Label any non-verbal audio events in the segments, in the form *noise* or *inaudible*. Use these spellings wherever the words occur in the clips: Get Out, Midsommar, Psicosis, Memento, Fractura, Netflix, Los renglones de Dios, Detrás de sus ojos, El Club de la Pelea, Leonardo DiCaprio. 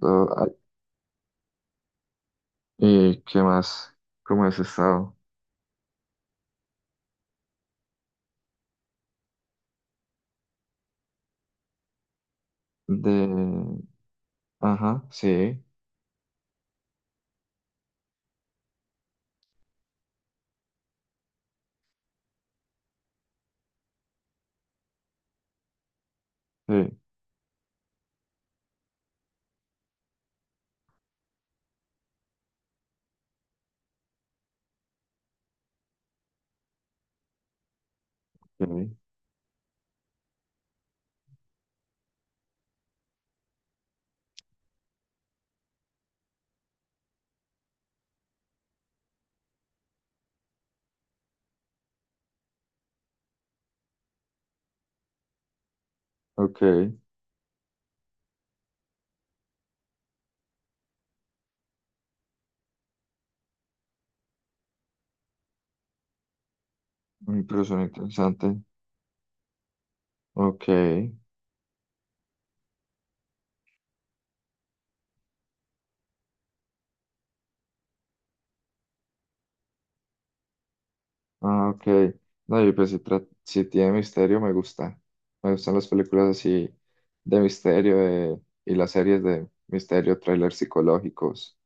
Do- ah, ¿Y qué más? ¿Cómo has estado? De... Ajá, sí, sí, sí, ok, una persona interesante, ok, ah, ok. No, y pues si, si tiene misterio me gusta, me gustan las películas así de y las series de misterio, trailers psicológicos.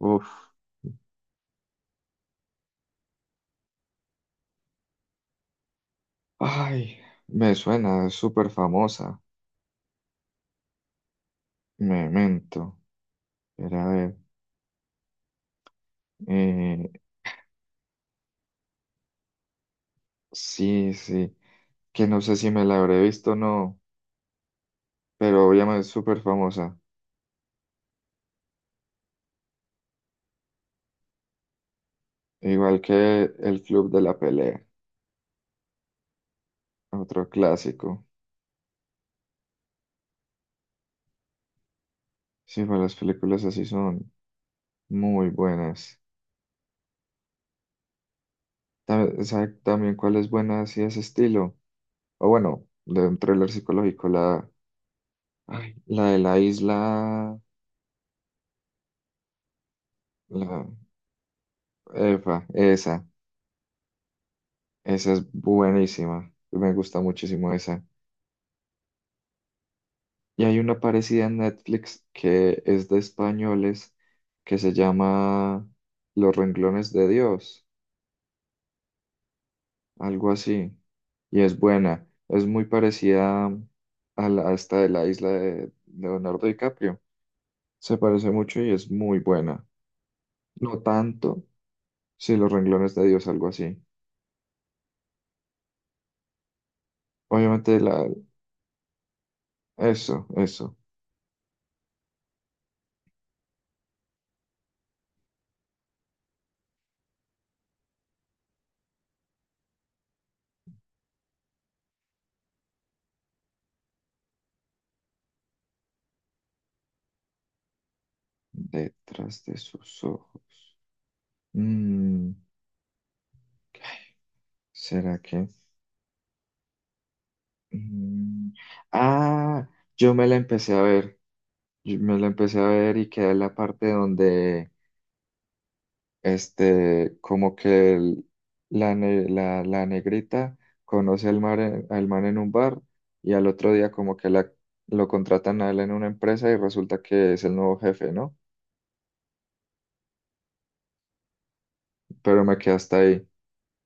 Uf, ay, me suena, es súper famosa, Memento, pero a ver, eh, sí, sí, que no sé si me la habré visto o no, pero obviamente es súper famosa. Igual que El Club de la Pelea, otro clásico. Sí, pues las películas así son muy buenas. ¿Sabe también cuál es buena así de ese estilo? O bueno, de un thriller psicológico, la, ay, la de la isla, la, epa, esa es buenísima. Me gusta muchísimo esa. Y hay una parecida en Netflix que es de españoles que se llama Los renglones de Dios, algo así. Y es buena, es muy parecida a, la, a esta de la isla de Leonardo DiCaprio. Se parece mucho y es muy buena. No tanto, sí, Los renglones de Dios, algo así. Obviamente la, eso, eso. Detrás de sus ojos. Mm, ¿será que? Mm, ah, yo me la empecé a ver, yo me la empecé a ver y quedé en la parte donde, este, como que la, la, la negrita conoce al, mar, al man en un bar y al otro día como que la, lo contratan a él en una empresa y resulta que es el nuevo jefe, ¿no? Pero me quedé hasta ahí,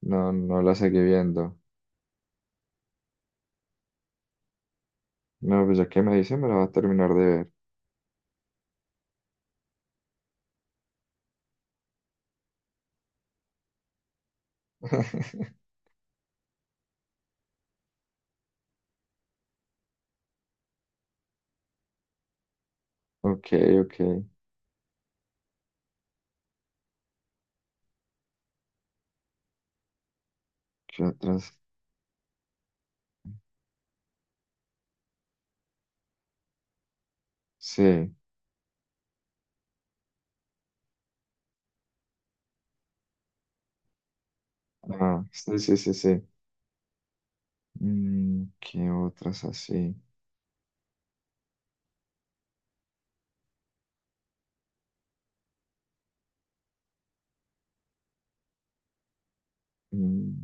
no, no la seguí viendo. No, pues ya que me dice, me la va a terminar de ver. *laughs* Ok, ok, ¿qué otras? Sí. Ah, sí, sí, sí, sí. Mm, ¿qué otras así? Mm,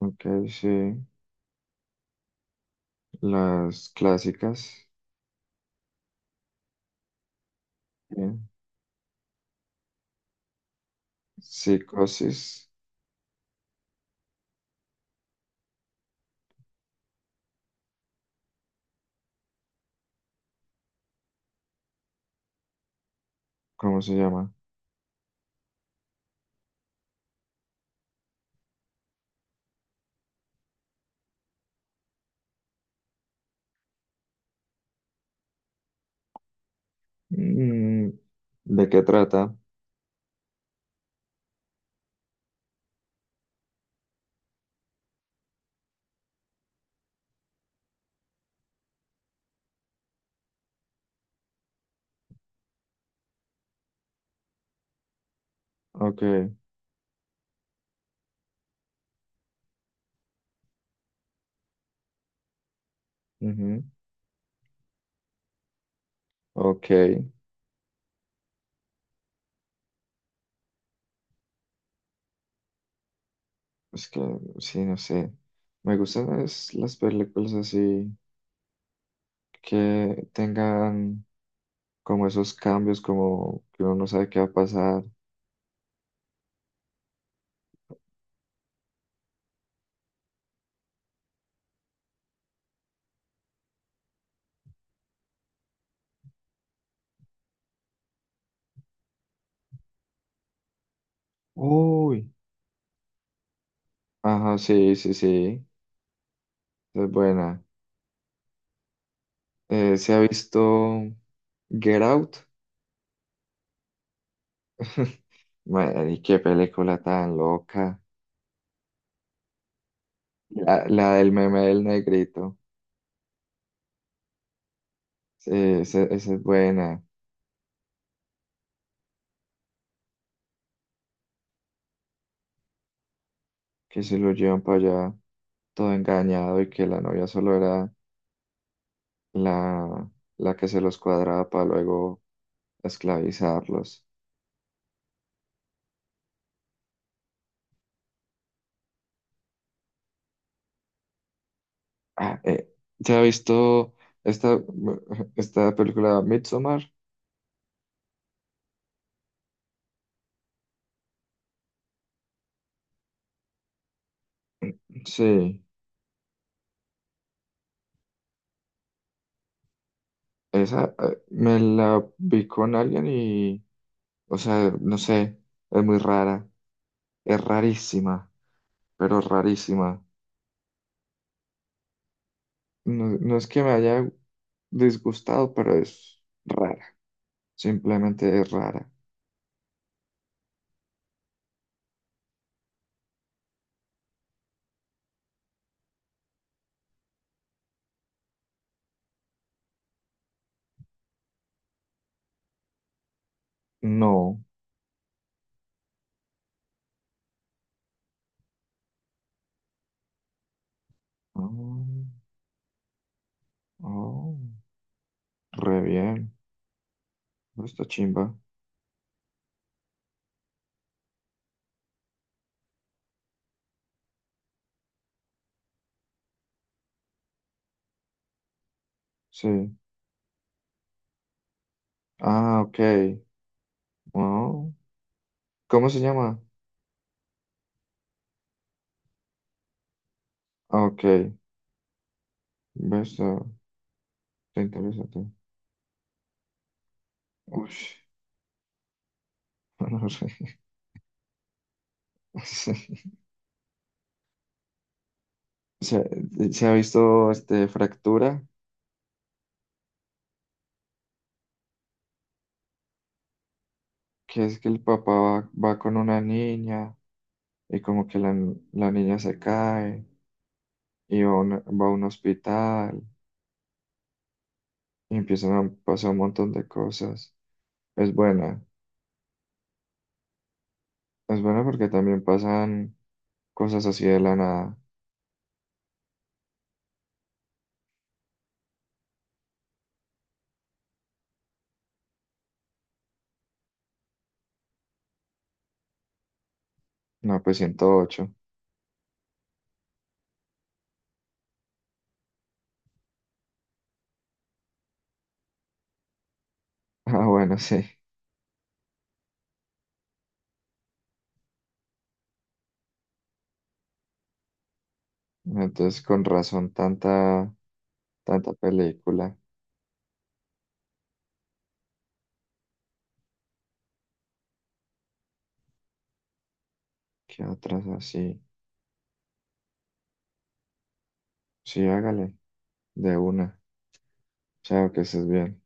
ok, sí. Las clásicas. Bien. Psicosis, ¿cómo se llama? Mm, ¿de qué trata? Ok, ujú, ok. Es que, sí, no sé. Me gustan es las películas así que tengan como esos cambios, como que uno no sabe qué va a pasar. Uy. Ajá, sí, sí, sí. Es buena. ¿Se ha visto Get Out? *laughs* Madre, qué película tan loca. La del meme del negrito. Sí, esa es buena. Que se lo llevan para allá todo engañado y que la novia solo era la, la que se los cuadraba para luego esclavizarlos. Ah, ¿se ha visto esta, *laughs* esta película Midsommar? Sí, esa me la vi con alguien. O sea, no sé, es muy rara, es rarísima, pero rarísima. No, no es que me haya disgustado, pero es rara, simplemente es rara. No. Oh, oh, re bien, esta chimba. Sí. Ah, ok. Oh, ¿cómo se llama? Ah, ok, ves, ah, te interesa, te- Ush, *laughs* no sé. *laughs* Se, se ha visto este, Fractura, que es que el papá va, va con una niña y como que la, la niña se cae y va a, va a un hospital y empiezan a pasar un montón de cosas. Es buena, es buena porque también pasan cosas así de la nada. No, pues 108. *laughs* Ah, bueno, sí. Entonces con razón tanta, tanta película qué otras así. Sí, hágale, de una. Chao, que estés bien.